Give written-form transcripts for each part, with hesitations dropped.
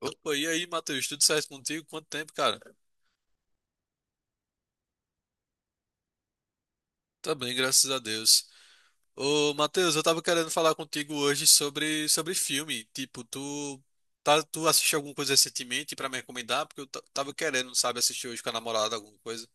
Opa, e aí, Matheus? Tudo certo contigo? Quanto tempo, cara? Tá bem, graças a Deus. Ô, Matheus, eu tava querendo falar contigo hoje sobre filme. Tipo, tu, tá, tu assistiu alguma coisa recentemente pra me recomendar? Porque eu tava querendo, sabe, assistir hoje com a namorada alguma coisa.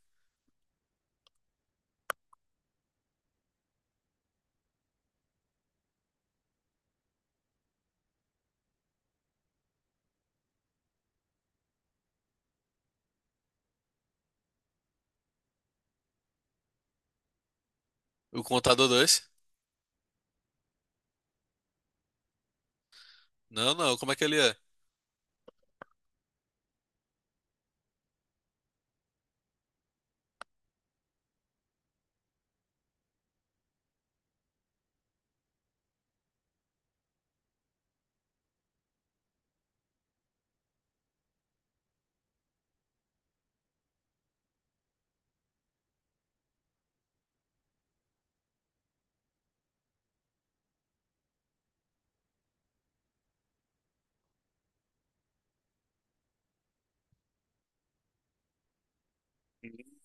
O Contador 2? Não, não, como é que ele é?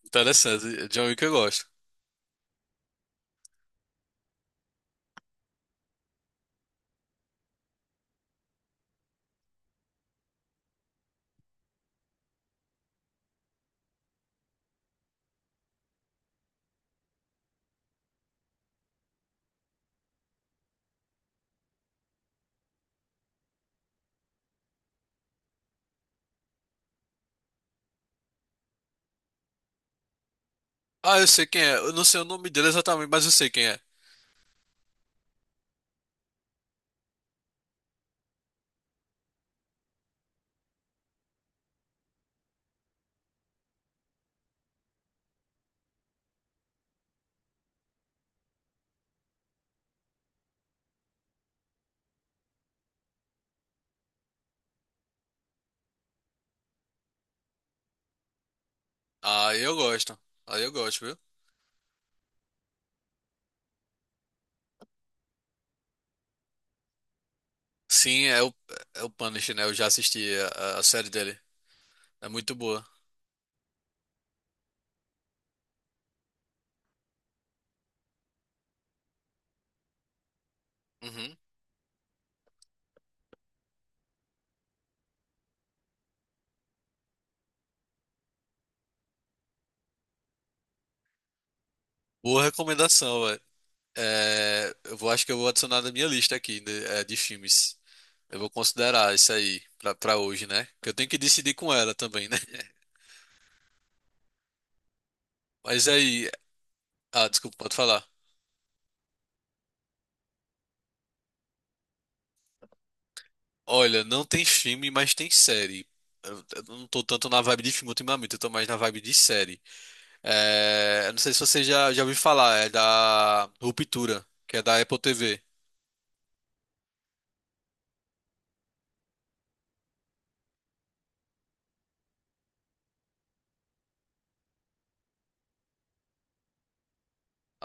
Interessante, John Wick eu gosto. Ah, eu sei quem é. Eu não sei o nome dele exatamente, mas eu sei quem é. Ah, eu gosto. Ah, eu gosto, viu? Sim, é o Punisher, né? Eu já assisti a série dele. É muito boa. Uhum. Boa recomendação, velho. É, eu vou, acho que eu vou adicionar na minha lista aqui de, é, de filmes. Eu vou considerar isso aí pra hoje, né? Que eu tenho que decidir com ela também, né? Mas aí. Ah, desculpa, pode falar. Olha, não tem filme, mas tem série. Eu não tô tanto na vibe de filme ultimamente, eu tô mais na vibe de série. É, eu não sei se já ouviu falar, é da Ruptura, que é da Apple TV.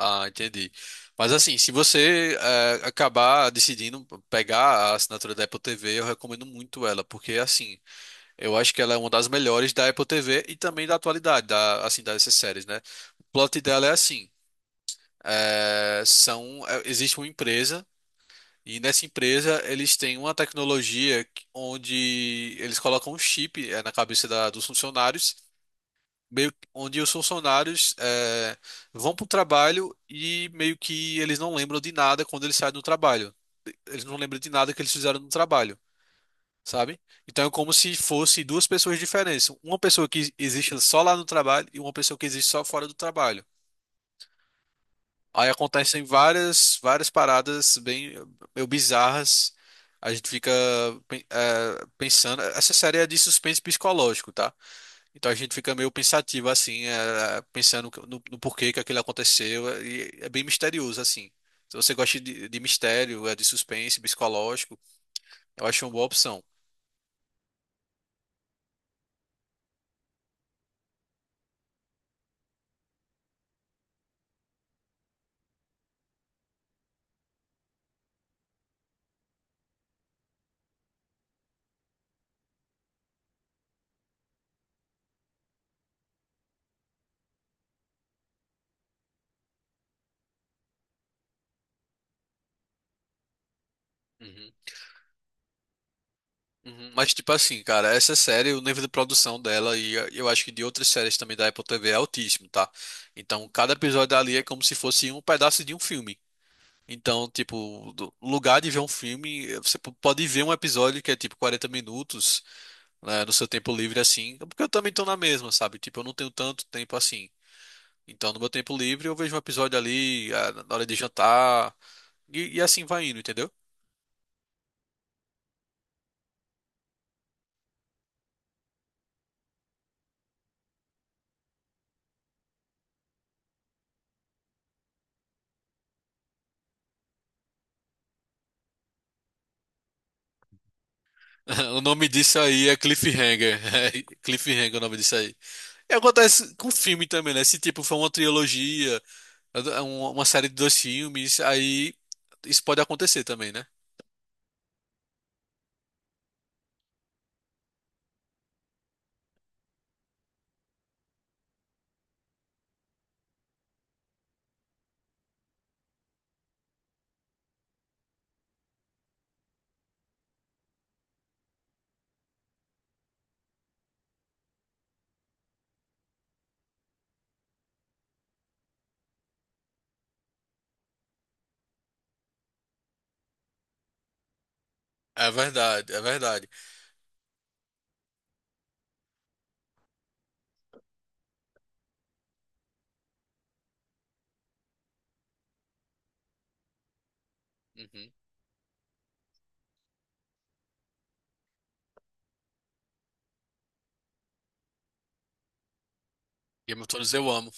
Ah, entendi. Mas assim, se você acabar decidindo pegar a assinatura da Apple TV, eu recomendo muito ela, porque assim, eu acho que ela é uma das melhores da Apple TV e também da atualidade, da, assim, dessas séries, né? O plot dela é assim, existe uma empresa e nessa empresa eles têm uma tecnologia onde eles colocam um chip na cabeça dos funcionários onde os funcionários vão para o trabalho e meio que eles não lembram de nada quando eles saem do trabalho. Eles não lembram de nada que eles fizeram no trabalho, sabe? Então é como se fosse duas pessoas diferentes. Uma pessoa que existe só lá no trabalho e uma pessoa que existe só fora do trabalho. Aí acontecem várias paradas bem meio bizarras. A gente fica pensando. Essa série é de suspense psicológico, tá? Então a gente fica meio pensativo assim, pensando no porquê que aquilo aconteceu, e é bem misterioso assim. Se você gosta de mistério, de suspense, psicológico, eu acho uma boa opção. Uhum, uhum. Mas tipo assim, cara, essa série, o nível de produção dela e eu acho que de outras séries também da Apple TV é altíssimo, tá? Então cada episódio ali é como se fosse um pedaço de um filme. Então, tipo, do lugar de ver um filme, você pode ver um episódio que é tipo 40 minutos, né, no seu tempo livre assim, porque eu também tô na mesma, sabe? Tipo, eu não tenho tanto tempo assim. Então, no meu tempo livre, eu vejo um episódio ali, ah, na hora de jantar, e assim vai indo, entendeu? O nome disso aí é Cliffhanger. É Cliffhanger é o nome disso aí. E acontece com filme também, né? Se tipo for uma trilogia, é uma série de dois filmes, aí isso pode acontecer também, né? É verdade, é verdade. Uhum. Game of Thrones eu amo.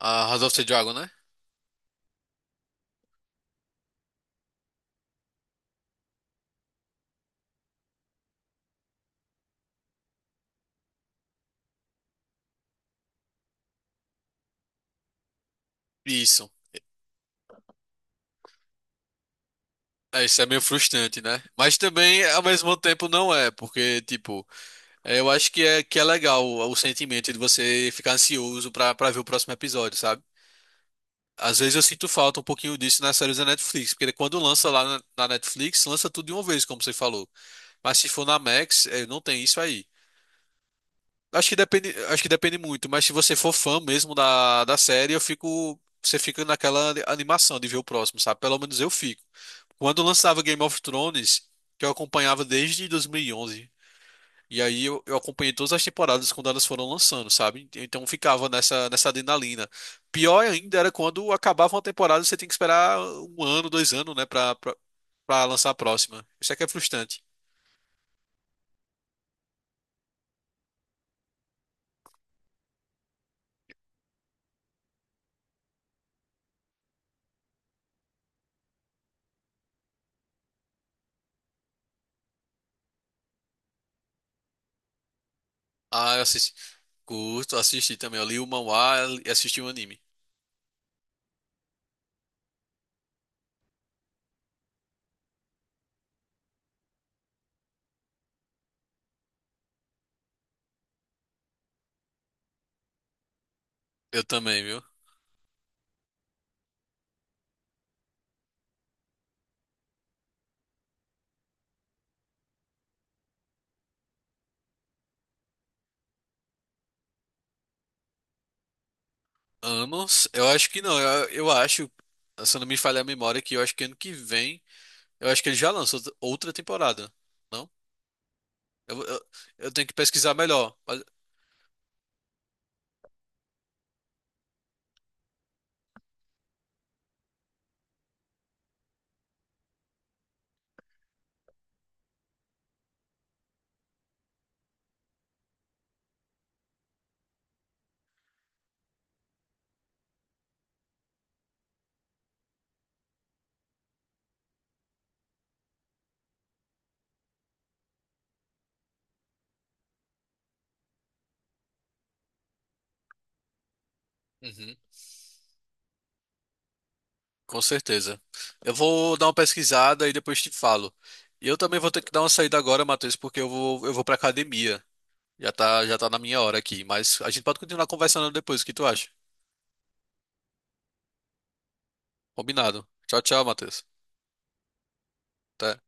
A House of the Dragon, né? Isso. É, isso é meio frustrante, né? Mas também, ao mesmo tempo, não é, porque, tipo, é, eu acho que é legal o sentimento de você ficar ansioso pra ver o próximo episódio, sabe? Às vezes eu sinto falta um pouquinho disso nas séries da Netflix, porque quando lança lá na Netflix, lança tudo de uma vez, como você falou. Mas se for na Max, é, não tem isso aí. Acho que depende muito, mas se você for fã mesmo da série, eu fico, você fica naquela animação de ver o próximo, sabe? Pelo menos eu fico. Quando lançava Game of Thrones, que eu acompanhava desde 2011, e onze. E aí eu acompanhei todas as temporadas quando elas foram lançando, sabe? Então ficava nessa adrenalina. Pior ainda era quando acabava uma temporada, você tem que esperar um ano, dois anos, né, pra lançar a próxima. Isso é que é frustrante. Ah, eu assisti. Curto, assisti também. Eu li o manhwa e assisti o anime. Eu também, viu? Anos? Eu acho que não. Eu acho, se eu não me falha a memória, que eu acho que ano que vem. Eu acho que ele já lançou outra temporada. Não? Eu, eu, eu tenho que pesquisar melhor. Mas- Uhum, com certeza. Eu vou dar uma pesquisada e depois te falo. E eu também vou ter que dar uma saída agora, Matheus, porque eu vou pra academia. Já tá na minha hora aqui. Mas a gente pode continuar conversando depois. O que tu acha? Combinado. Tchau, tchau, Matheus. Até.